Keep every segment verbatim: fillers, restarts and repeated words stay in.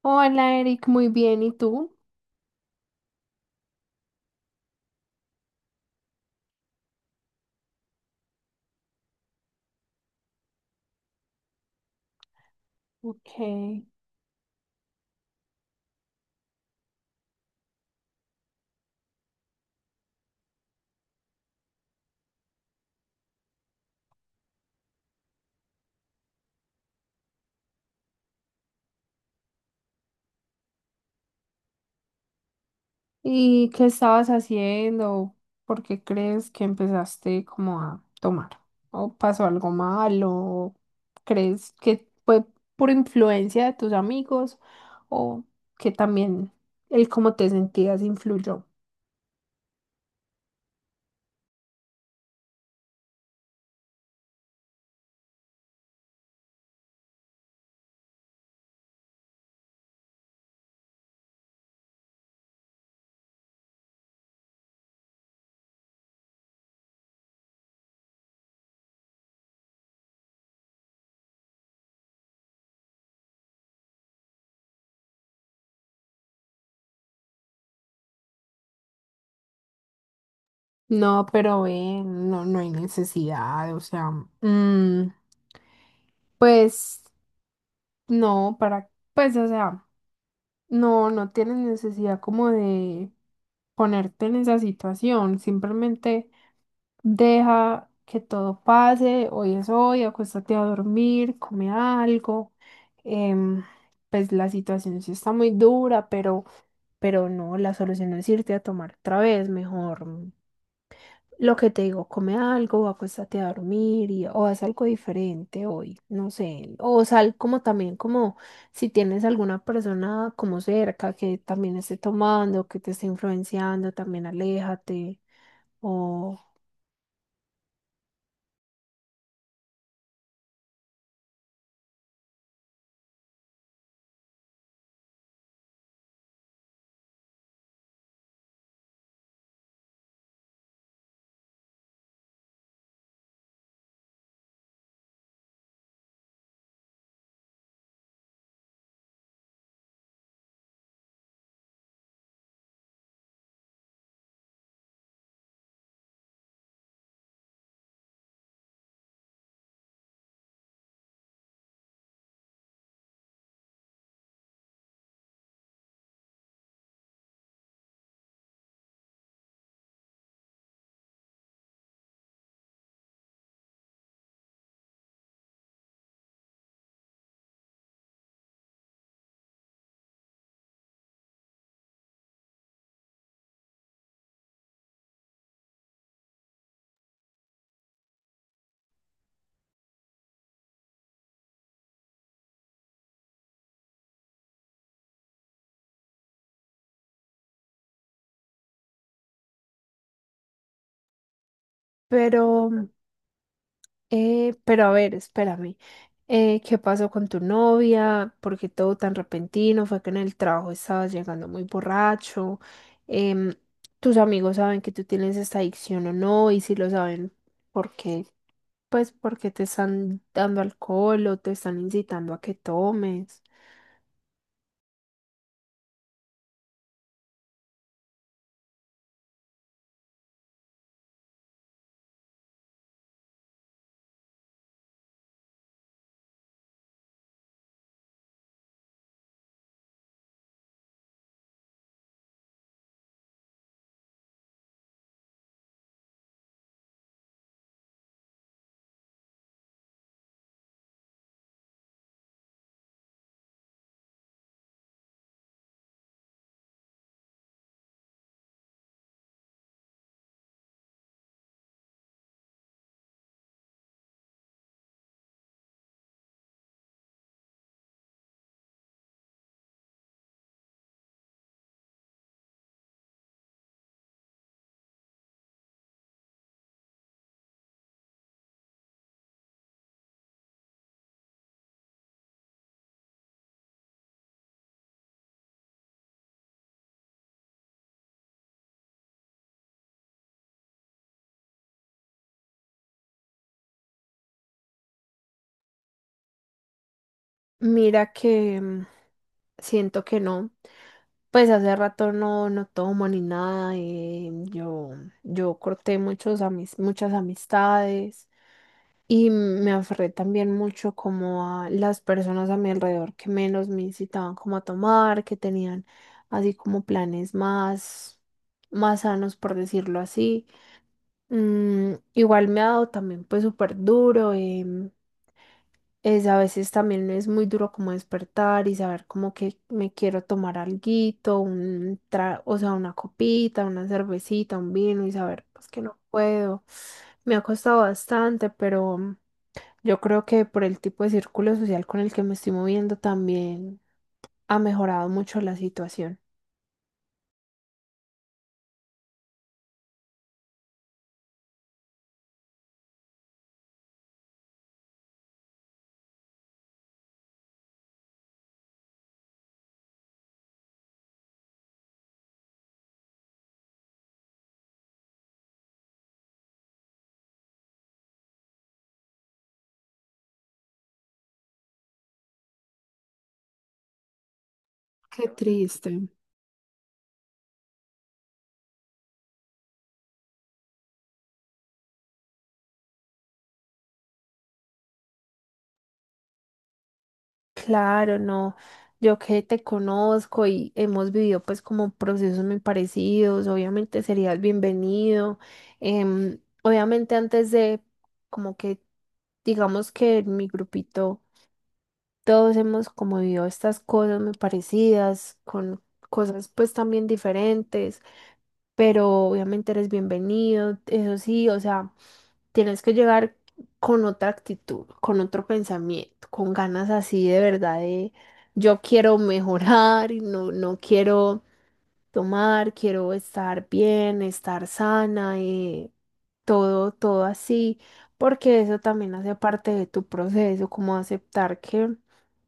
Hola Eric, muy bien, ¿y tú? Ok. ¿Y qué estabas haciendo? ¿Por qué crees que empezaste como a tomar? ¿O pasó algo malo? ¿Crees que fue por influencia de tus amigos? ¿O que también el cómo te sentías influyó? No, pero eh, no, no hay necesidad, o sea, mm, pues no, para, pues o sea. No, no tienes necesidad como de ponerte en esa situación, simplemente deja que todo pase, hoy es hoy, acuéstate a dormir, come algo. em, pues la situación sí está muy dura, pero, pero no, la solución es irte a tomar otra vez, mejor. Lo que te digo, come algo, acuéstate a dormir y, o haz algo diferente hoy, no sé, o sal como también como si tienes alguna persona como cerca que también esté tomando, que te esté influenciando, también aléjate, o, pero, eh, pero a ver, espérame. Eh, ¿qué pasó con tu novia? ¿Por qué todo tan repentino? ¿Fue que en el trabajo estabas llegando muy borracho? Em, ¿Tus amigos saben que tú tienes esta adicción o no? Y si lo saben, ¿por qué? Pues porque te están dando alcohol o te están incitando a que tomes. Mira que mm, siento que no. Pues hace rato no, no tomo ni nada. Eh, yo, yo corté muchos amis- muchas amistades y me aferré también mucho como a las personas a mi alrededor que menos me incitaban como a tomar, que tenían así como planes más, más sanos, por decirlo así. Mm, igual me ha dado también pues súper duro. Em, es a veces también es muy duro como despertar y saber como que me quiero tomar alguito, un tra- o sea, una copita, una cervecita, un vino y saber pues que no puedo. Me ha costado bastante, pero mm, yo creo que por el tipo de círculo social con el que me estoy moviendo también ha mejorado mucho la situación. Qué triste. Claro, no. Yo que te conozco y hemos vivido pues como procesos muy parecidos, obviamente serías bienvenido. Em, obviamente antes de como que digamos que en mi grupito todos hemos como vivido estas cosas muy parecidas, con cosas pues también diferentes, pero obviamente eres bienvenido, eso sí, o sea. Tienes que llegar con otra actitud, con otro pensamiento, con ganas así de verdad de yo quiero mejorar y no, no quiero tomar, quiero estar bien, estar sana y todo, todo así, porque eso también hace parte de tu proceso, como aceptar que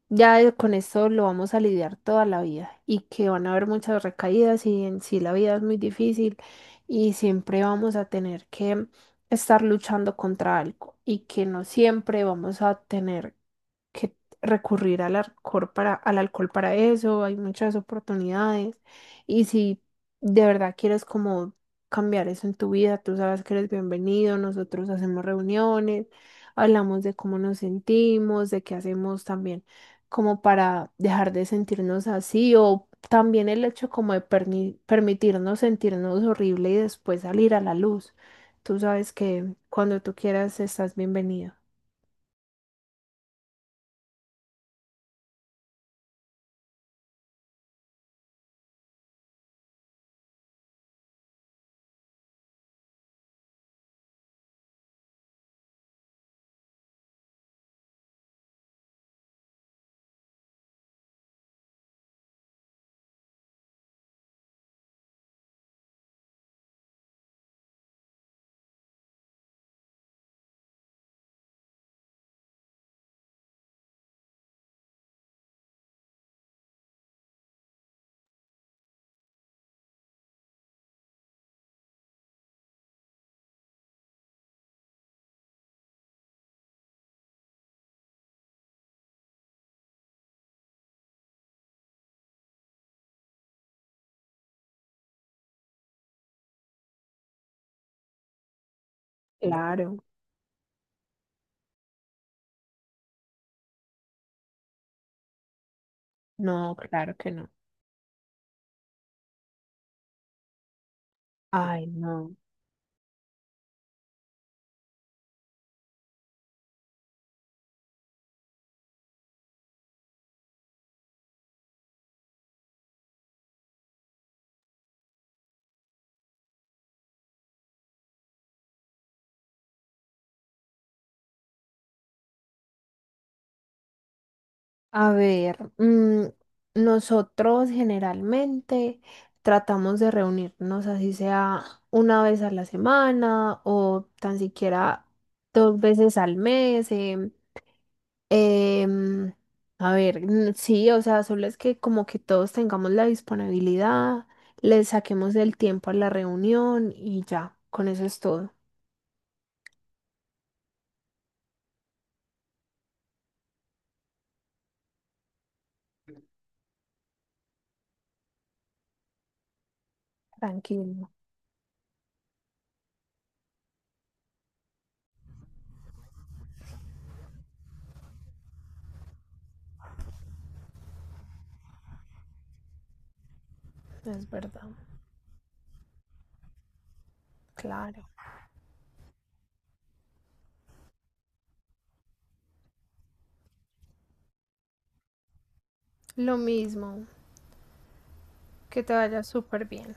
ya eh, con esto lo vamos a lidiar toda la vida y que van a haber muchas recaídas y en sí la vida es muy difícil y siempre vamos a tener que estar luchando contra algo y que no siempre vamos a tener que recurrir al alcohol para, al alcohol para eso, hay muchas oportunidades. Y si de verdad quieres como cambiar eso en tu vida, tú sabes que eres bienvenido, nosotros hacemos reuniones, hablamos de cómo nos sentimos, de qué hacemos también como para dejar de sentirnos así o también el hecho como de perni- permitirnos sentirnos horrible y después salir a la luz. Tú sabes que cuando tú quieras estás bienvenido. Claro, no, claro que no. Ay, no. A ver, mm, nosotros generalmente tratamos de reunirnos, así sea una vez a la semana o tan siquiera dos veces al mes. em, em, a ver, mm, sí, o sea, solo es que como que todos tengamos la disponibilidad, le saquemos el tiempo a la reunión y ya, con eso es todo. Tranquilo, es verdad, claro. Lo mismo, que te vaya súper bien.